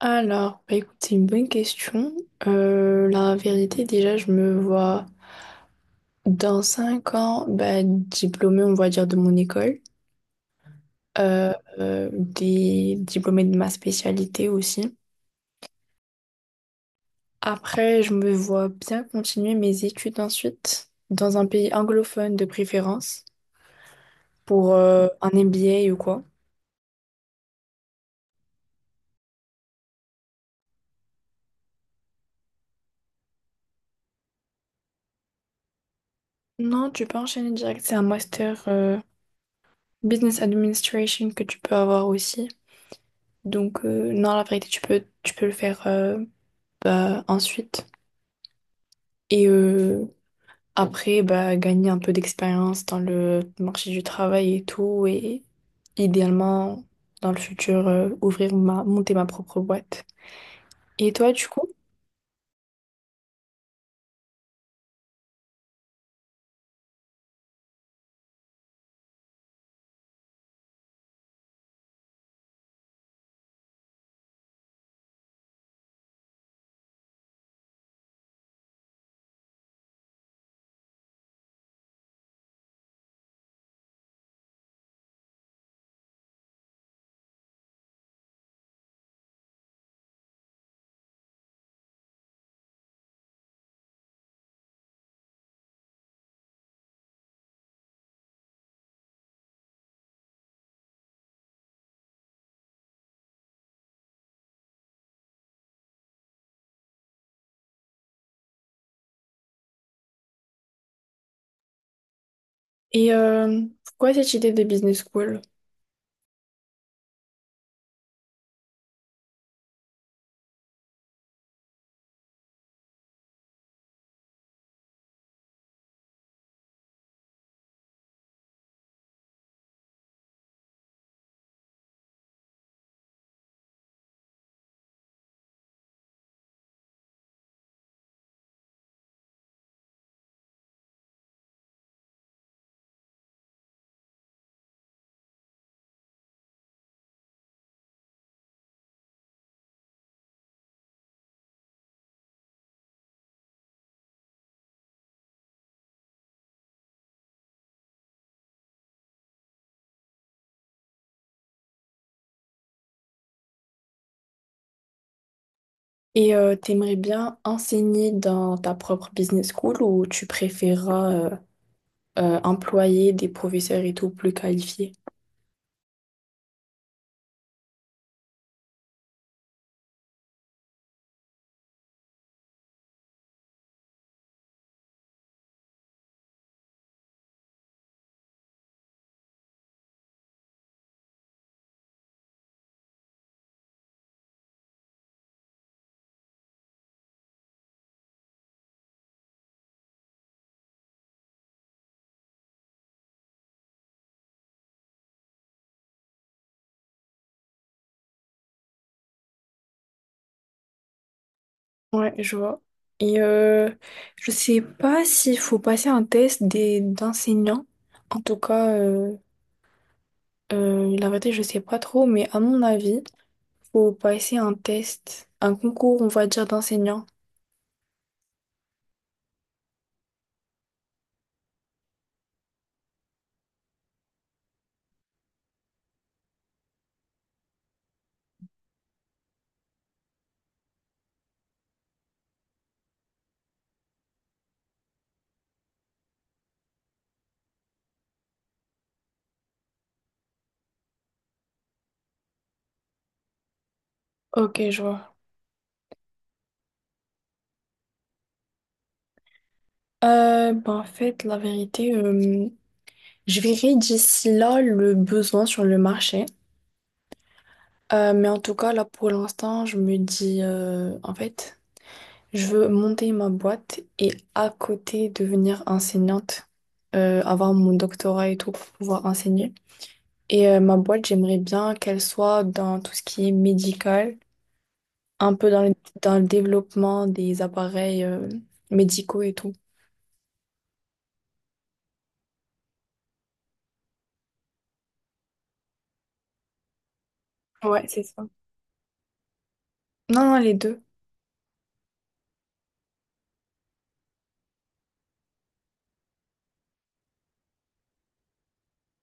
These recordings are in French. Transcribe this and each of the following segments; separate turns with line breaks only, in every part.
Alors, bah écoute, c'est une bonne question. La vérité, déjà, je me vois dans 5 ans, bah, diplômée, on va dire, de mon école, euh, des diplômée de ma spécialité aussi. Après, je me vois bien continuer mes études ensuite, dans un pays anglophone de préférence, pour un MBA ou quoi. Non, tu peux enchaîner direct, c'est un master business administration que tu peux avoir aussi. Donc, non, la vérité, tu peux le faire. Ensuite. Et après, bah, gagner un peu d'expérience dans le marché du travail et tout. Et idéalement, dans le futur, monter ma propre boîte. Et toi, du coup? Et pourquoi cette idée de business school? Et t'aimerais bien enseigner dans ta propre business school ou tu préféreras employer des professeurs et tout plus qualifiés? Ouais, je vois. Et je sais pas s'il faut passer un test des d'enseignants. En tout cas, la vérité, je sais pas trop, mais à mon avis, faut passer un test, un concours, on va dire, d'enseignants. Ok, je vois. Ben, en fait, la vérité, je verrai d'ici là le besoin sur le marché. Mais en tout cas, là pour l'instant, je me dis, en fait, je veux monter ma boîte et à côté devenir enseignante, avoir mon doctorat et tout pour pouvoir enseigner. Et ma boîte, j'aimerais bien qu'elle soit dans tout ce qui est médical, un peu dans dans le développement des appareils, médicaux et tout. Ouais, c'est ça. Non, non, les deux.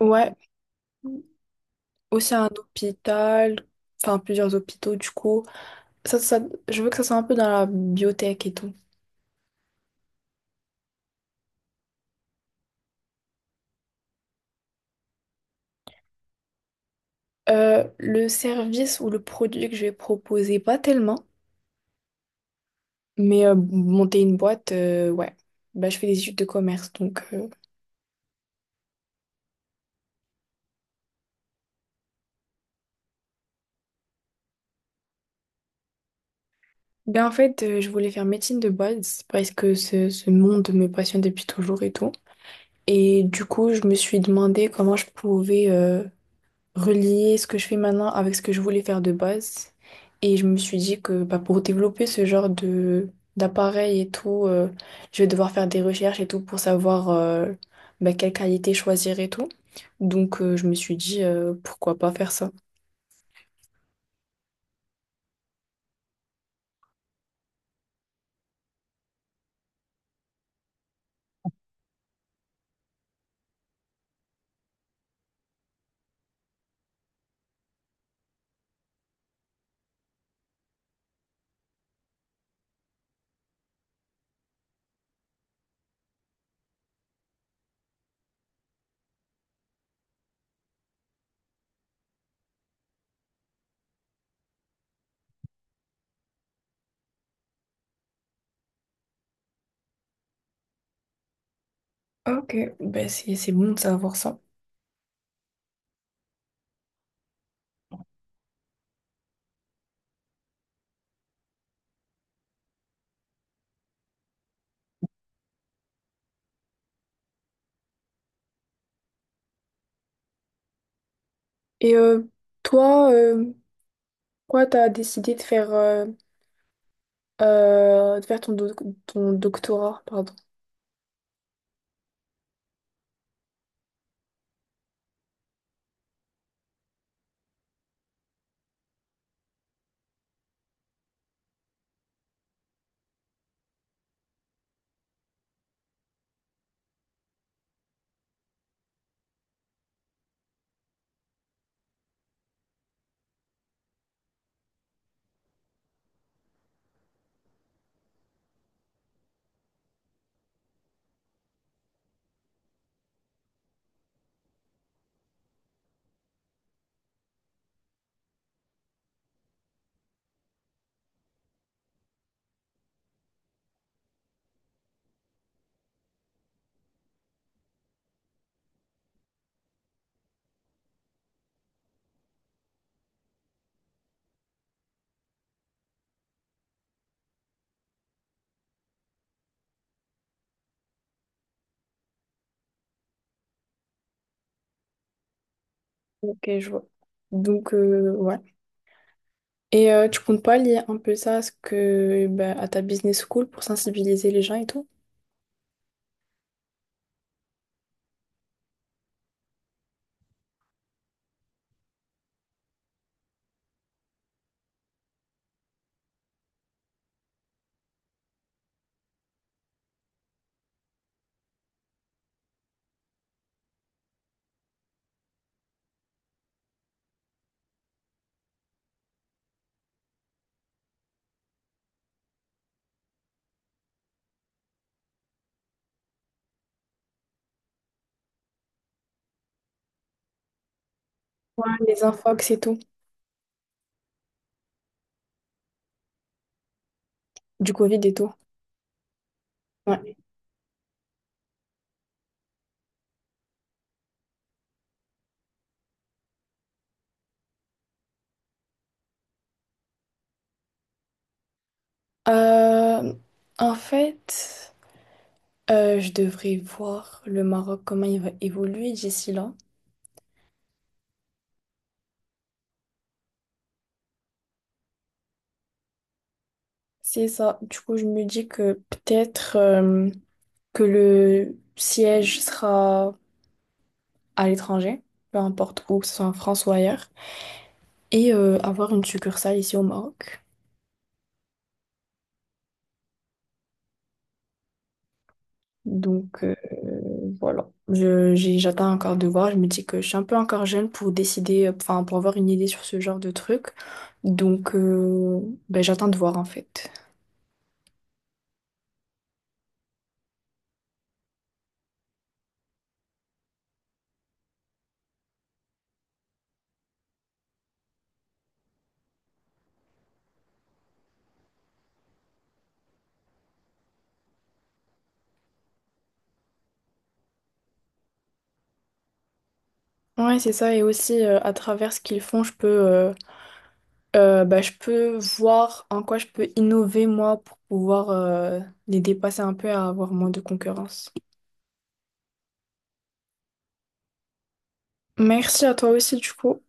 Ouais, aussi un hôpital, enfin plusieurs hôpitaux du coup. ça, ça- je veux que ça soit un peu dans la biotech et tout. Le service ou le produit que je vais proposer, pas tellement, mais monter une boîte, ouais. Bah, je fais des études de commerce, donc ben, en fait, je voulais faire médecine de base parce que ce monde me passionne depuis toujours et tout. Et du coup, je me suis demandé comment je pouvais relier ce que je fais maintenant avec ce que je voulais faire de base. Et je me suis dit que bah, pour développer ce genre de d'appareil et tout, je vais devoir faire des recherches et tout pour savoir bah, quelle qualité choisir et tout. Donc je me suis dit pourquoi pas faire ça. Ok, bah, c'est bon de savoir ça. Et toi, pourquoi t'as décidé de faire ton doctorat, pardon. Ok, je vois. Donc ouais. Et tu comptes pas lier un peu ça à, ce que, bah, à ta business school pour sensibiliser les gens et tout? Ouais, les infox et tout, du Covid et tout. Ouais. Euh, En fait, je devrais voir le Maroc, comment il va évoluer d'ici là. C'est ça. Du coup, je me dis que peut-être que le siège sera à l'étranger, peu importe où, que ce soit en France ou ailleurs, et avoir une succursale ici au Maroc. Donc voilà, j'attends encore de voir. Je me dis que je suis un peu encore jeune pour décider, enfin pour avoir une idée sur ce genre de truc. Donc ben, j'attends de voir en fait. Ouais, c'est ça. Et aussi à travers ce qu'ils font, je peux bah, je peux voir en quoi je peux innover moi pour pouvoir les dépasser un peu et avoir moins de concurrence. Merci à toi aussi du coup.